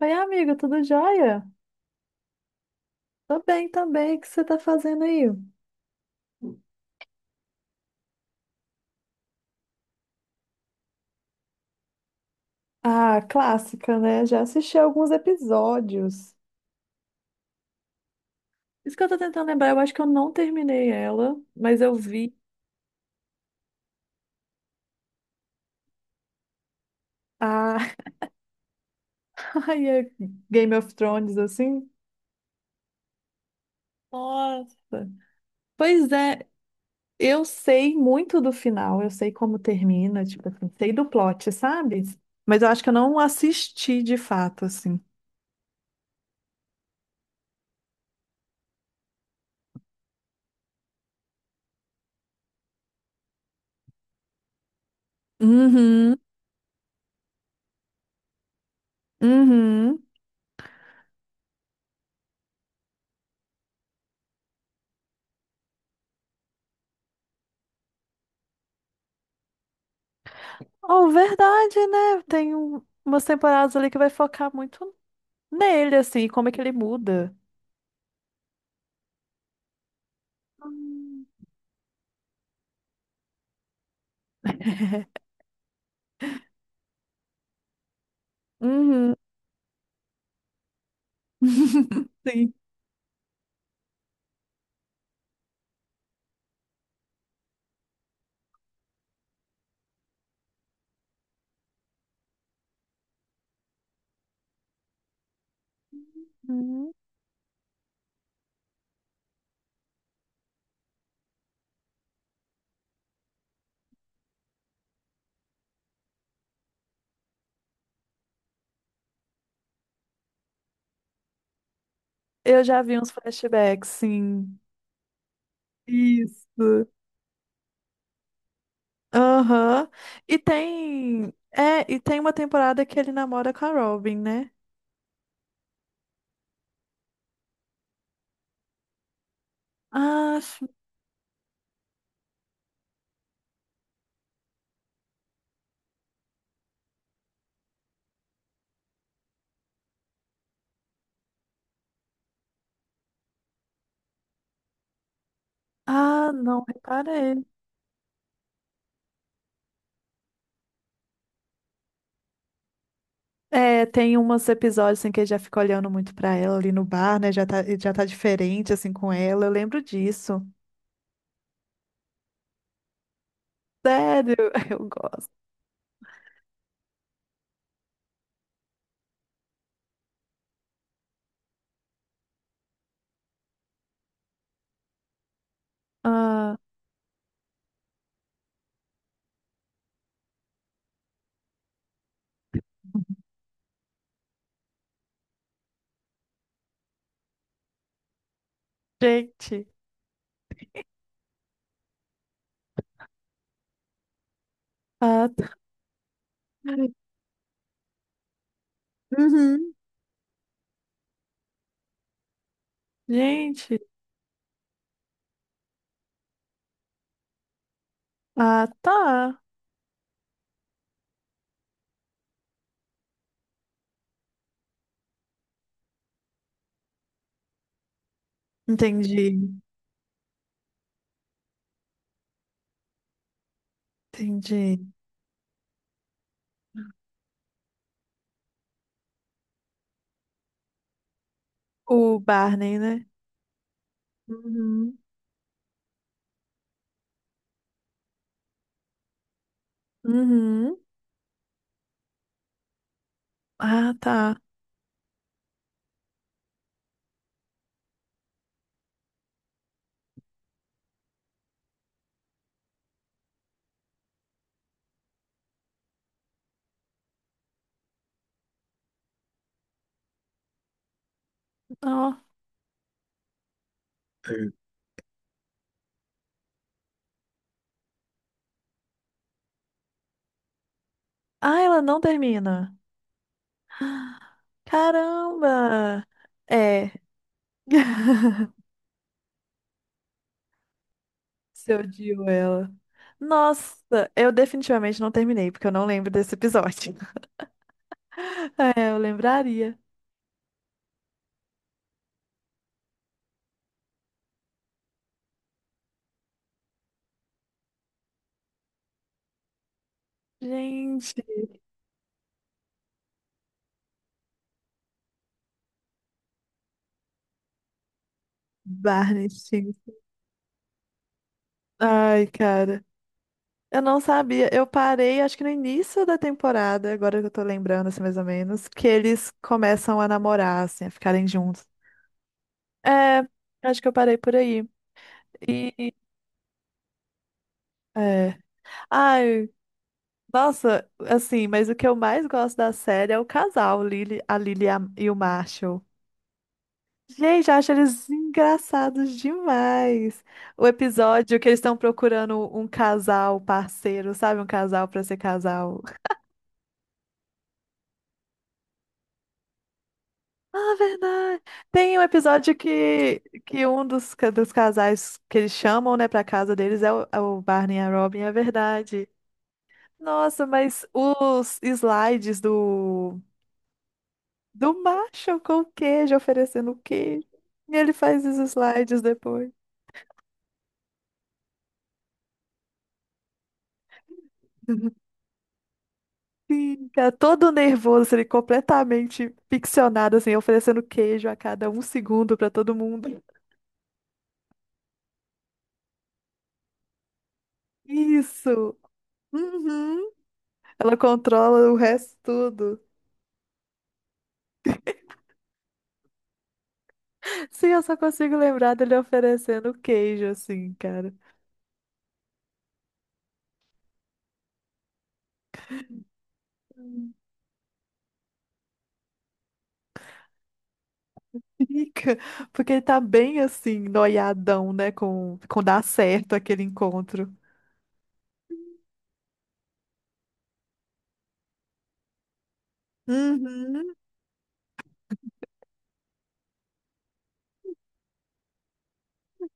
Oi, amiga, tudo jóia? Tô bem também, o que você tá fazendo aí? Ah, clássica, né? Já assisti alguns episódios. Isso que eu tô tentando lembrar, eu acho que eu não terminei ela, mas eu vi a ai, é Game of Thrones, assim. Nossa! Pois é, eu sei muito do final, eu sei como termina, tipo assim, sei do plot, sabe? Mas eu acho que eu não assisti de fato, assim. Uhum, uhum. Oh, verdade, né? Tem umas temporadas ali que vai focar muito nele, assim, como é que ele muda. Hum. Uhum. Sim. Uhum. Eu já vi uns flashbacks, sim. Isso. Aham. E tem. É, e tem uma temporada que ele namora com a Robin, né? Ah, sim. Ah, não, reparei. É, tem uns episódios assim que ele já fica olhando muito pra ela ali no bar, né? Já tá, ele já tá diferente assim com ela. Eu lembro disso. Sério, eu gosto. Ah, gente. Ah, tá. Uhum. Gente. Ah, tá. Entendi. Entendi. O Barney, né? Uhum. Uhum. Ah, tá. Ó. Ah, ela não termina. Caramba! É. Você odiou ela. Nossa, eu definitivamente não terminei, porque eu não lembro desse episódio. É, eu lembraria. Gente, Barney, ai, cara. Eu não sabia. Eu parei, acho que no início da temporada, agora que eu tô lembrando, assim, mais ou menos, que eles começam a namorar, assim, a ficarem juntos. É, acho que eu parei por aí. E. É. Ai, nossa, assim, mas o que eu mais gosto da série é o casal, o Lily, a Lily e o Marshall. Gente, eu acho eles engraçados demais. O episódio que eles estão procurando um casal parceiro, sabe? Um casal pra ser casal. Ah, verdade. Tem um episódio que um dos casais que eles chamam, né, pra casa deles é o, é o Barney e a Robin, é verdade. Nossa, mas os slides do, do Marshall com queijo, oferecendo queijo. E ele faz os slides depois. Fica todo nervoso, ele completamente ficcionado, assim, oferecendo queijo a cada um segundo pra todo mundo. Isso! Uhum. Ela controla o resto tudo. Sim, eu só consigo lembrar dele oferecendo queijo, assim, cara. Hum. Fica, porque ele tá bem assim, noiadão, né? Com dar certo aquele encontro. Uhum.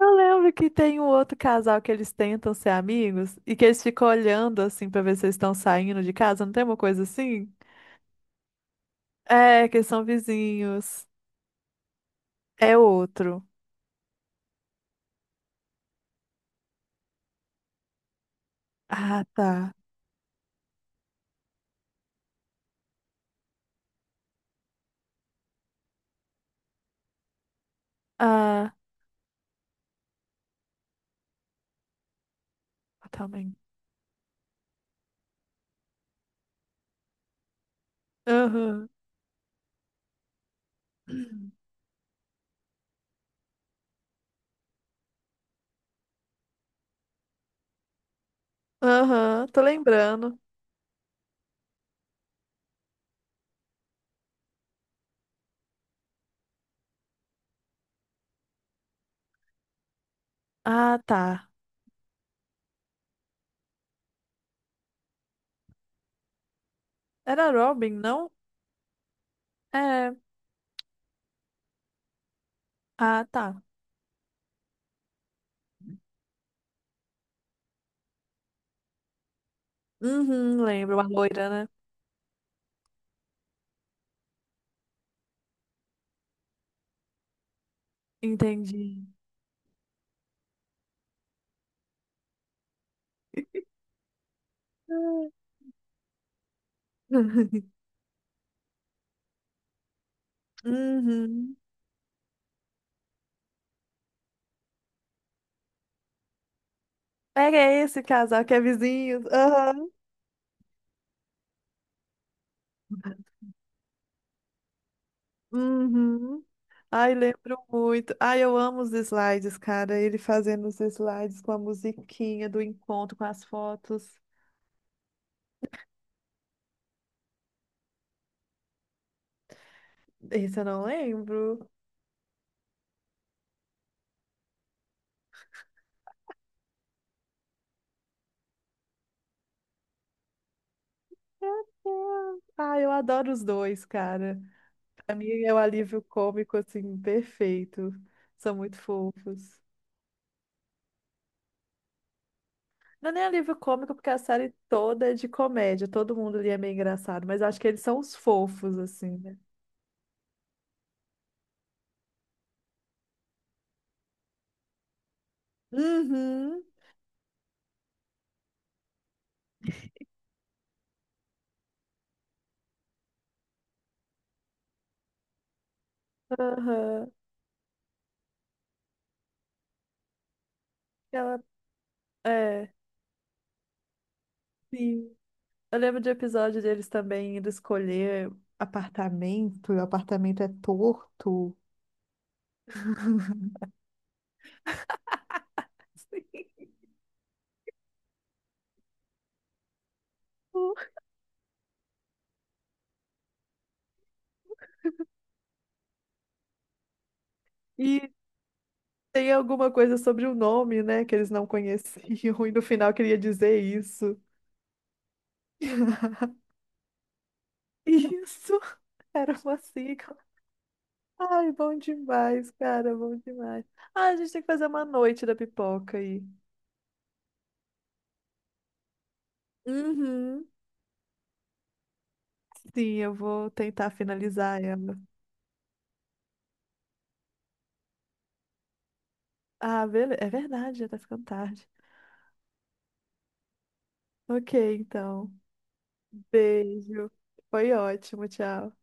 Eu lembro que tem um outro casal que eles tentam ser amigos e que eles ficam olhando assim pra ver se eles estão saindo de casa, não tem uma coisa assim? É, que eles são vizinhos. É outro. Ah, tá. Ah, também. Aham. Aham, tô lembrando. Ah, tá. Era Robin, não? É. Ah, tá. Uhum, lembro, a loira, né? Entendi. Ah. Uhum. Era esse casal que é vizinho. Aham. Uhum. Ai, lembro muito. Ai, eu amo os slides, cara. Ele fazendo os slides com a musiquinha do encontro, com as fotos. Esse eu não lembro. Meu Deus. Ai, eu adoro os dois, cara. Pra mim é o alívio cômico, assim, perfeito. São muito fofos. Não é nem alívio cômico, porque a série toda é de comédia. Todo mundo ali é meio engraçado, mas eu acho que eles são os fofos, assim, né? Uhum, aham. Ela, é, sim. Eu lembro de episódio deles também indo escolher apartamento, e o apartamento é torto. Sim. E tem alguma coisa sobre o nome, né, que eles não conheciam, e no final queria dizer isso. Isso era uma sigla. Ai, bom demais, cara, bom demais. Ah, a gente tem que fazer uma noite da pipoca aí. Uhum. Sim, eu vou tentar finalizar ela. Ah, beleza. É verdade, já tá ficando tarde. Ok, então. Beijo. Foi ótimo, tchau.